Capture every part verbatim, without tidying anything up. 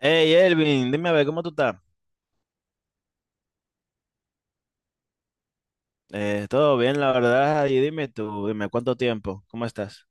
Hey Elvin, dime a ver, ¿cómo tú estás? Eh, todo bien, la verdad. Y dime tú, dime, ¿cuánto tiempo? ¿Cómo estás?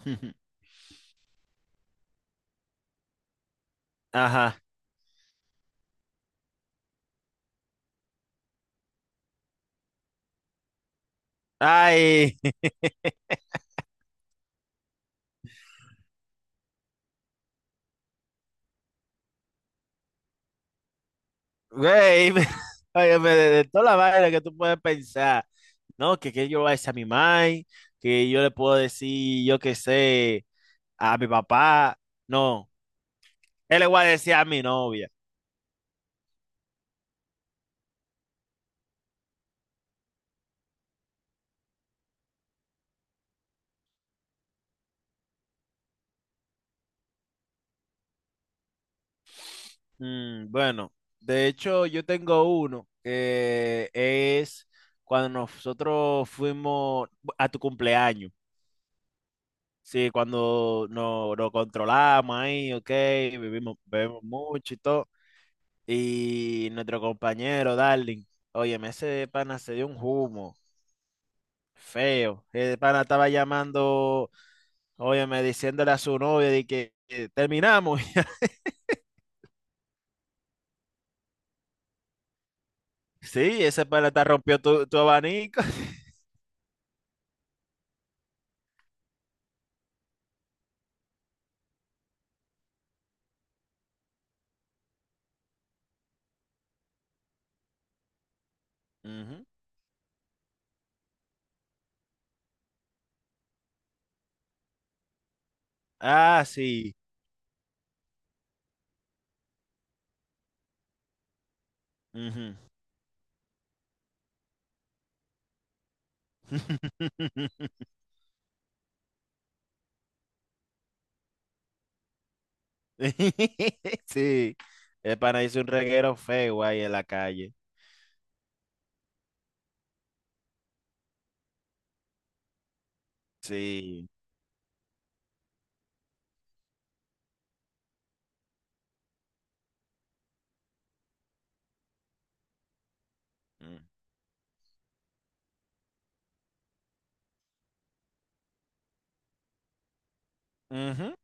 Ajá. Ay, güey, me- óyeme, de, de toda la vaina que tú puedes pensar, ¿no? Que, que yo voy a decir a mi mai, que yo le puedo decir, yo qué sé, a mi papá, no, él le voy a decir a mi novia. Mm, bueno, de hecho, yo tengo uno que es cuando nosotros fuimos a tu cumpleaños. Sí, cuando nos, nos controlamos ahí, ok, vivimos, bebemos mucho y todo. Y nuestro compañero, Darling, óyeme, ese pana se dio un humo feo. El pana estaba llamando, óyeme, diciéndole a su novia de que eh, terminamos. Sí, ese pana te rompió tu, tu abanico. Ujú. Ah, sí. Ujú. Sí, el pana hizo un reguero feo ahí en la calle. Sí. Ujú.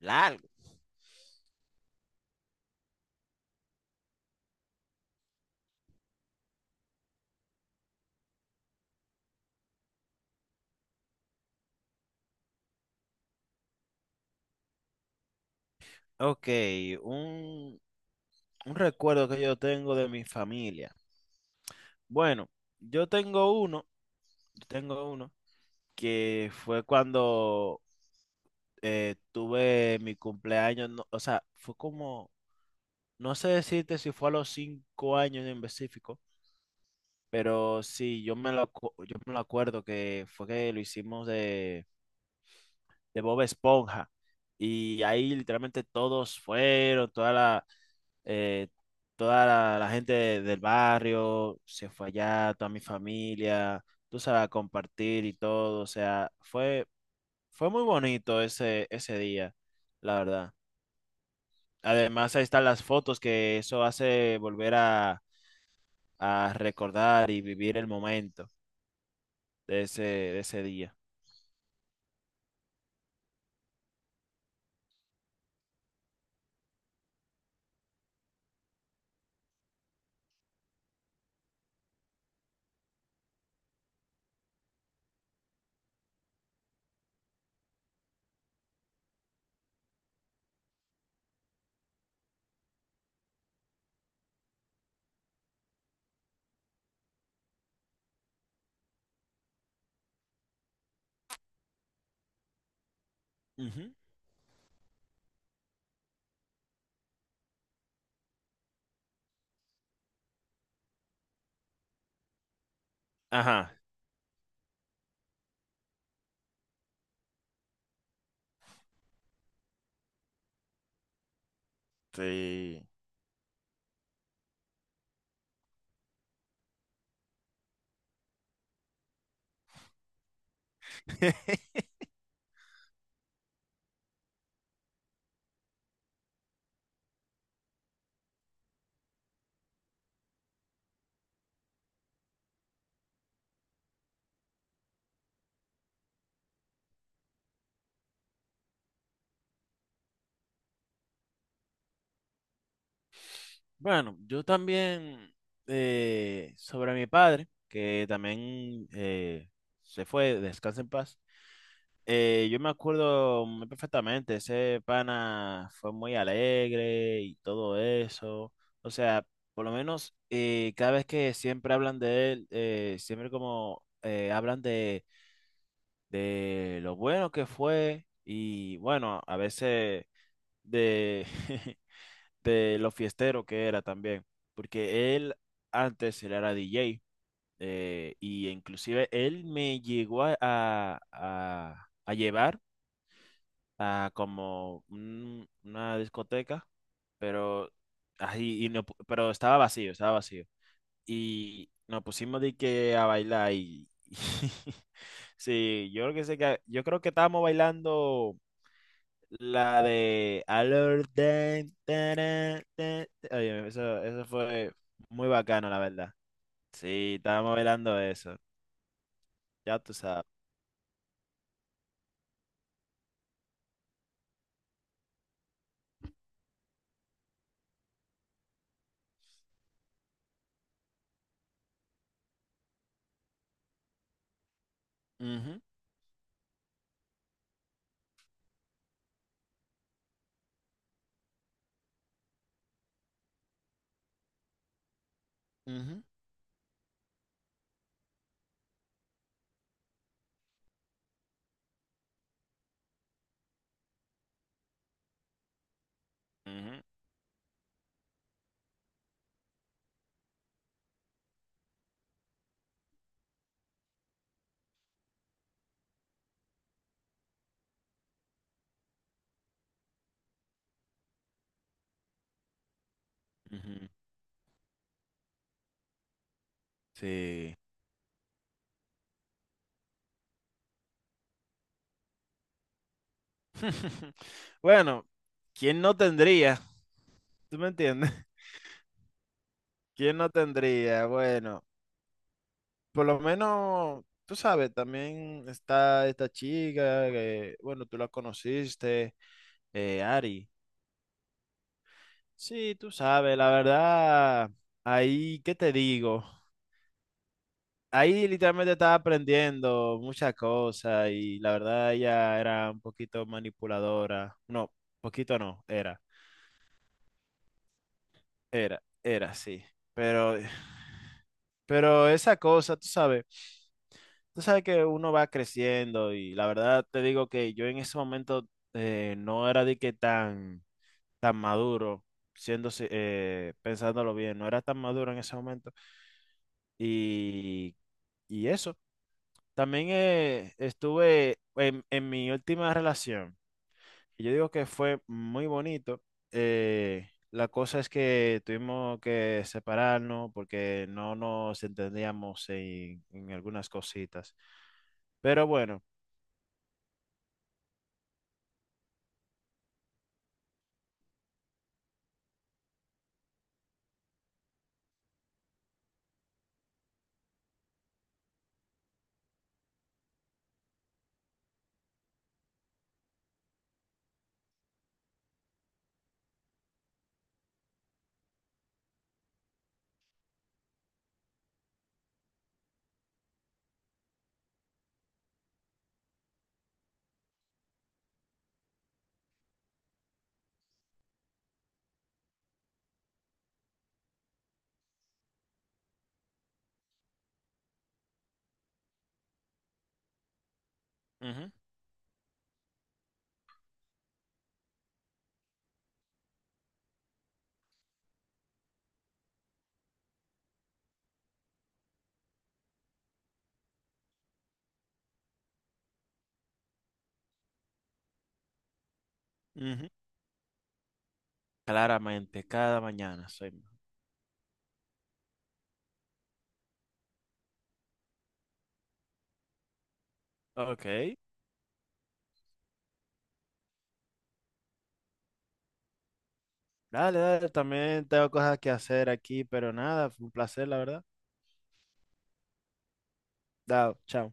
Largo. Ok, un, un recuerdo que yo tengo de mi familia. Bueno, yo tengo uno, yo tengo uno que fue cuando eh, tuve mi cumpleaños, no- o sea, fue como, no sé decirte si fue a los cinco años en específico, pero sí, yo me lo, acu- yo me lo acuerdo que fue que lo hicimos de Bob Esponja. Y ahí literalmente todos fueron, toda la, eh, toda la, la gente de- del barrio se fue allá, toda mi familia, tú sabes, a compartir y todo. O sea, fue, fue muy bonito ese, ese día, la verdad. Además, ahí están las fotos que eso hace volver a, a recordar y vivir el momento de ese, de ese día. Ujú. Ajá, sí. Bueno, yo también eh, sobre mi padre, que también eh, se fue, descansa en paz. Eh, yo me acuerdo muy perfectamente, ese pana fue muy alegre y todo eso. O sea, por lo menos eh, cada vez que siempre hablan de él, eh, siempre como eh, hablan de, de lo bueno que fue. Y bueno, a veces de de lo fiestero que era también, porque él antes él era D J, eh, y inclusive él me llegó a, a- a- a llevar a como un- una discoteca, pero ahí y no pu- pero estaba vacío, estaba vacío y nos pusimos de que a bailar. Y sí, yo creo que sé que yo creo que estábamos bailando la de Alert. Dan, tarán, tan- Oye, eso, eso fue muy bacano, la verdad. Sí, estábamos velando eso. Ya tú sabes. Ujú, ujú, ujú, ujú. Sí. Bueno, ¿quién no tendría? ¿Tú me entiendes? ¿Quién no tendría? Bueno, por lo menos, tú sabes, también está esta chica que, bueno, tú la conociste, eh, Ari. Sí, tú sabes, la verdad, ahí, ¿qué te digo? Ahí literalmente estaba aprendiendo muchas cosas y la verdad ella era un poquito manipuladora. No, poquito no, era, era, era, sí. Pero, pero esa cosa, tú sabes, tú sabes que uno va creciendo y la verdad te digo que yo en ese momento eh, no era de que tan, tan maduro, siendo, si- eh, pensándolo bien, no era tan maduro en ese momento. Y, y eso. También eh, estuve en, en mi última relación. Y yo digo que fue muy bonito. Eh, la cosa es que tuvimos que separarnos porque no nos entendíamos en, en algunas cositas. Pero bueno, ujú, ujú, claramente, cada mañana soy mejor. Ok. Dale, dale, también tengo cosas que hacer aquí, pero nada, fue un placer, la verdad. Dao, chao.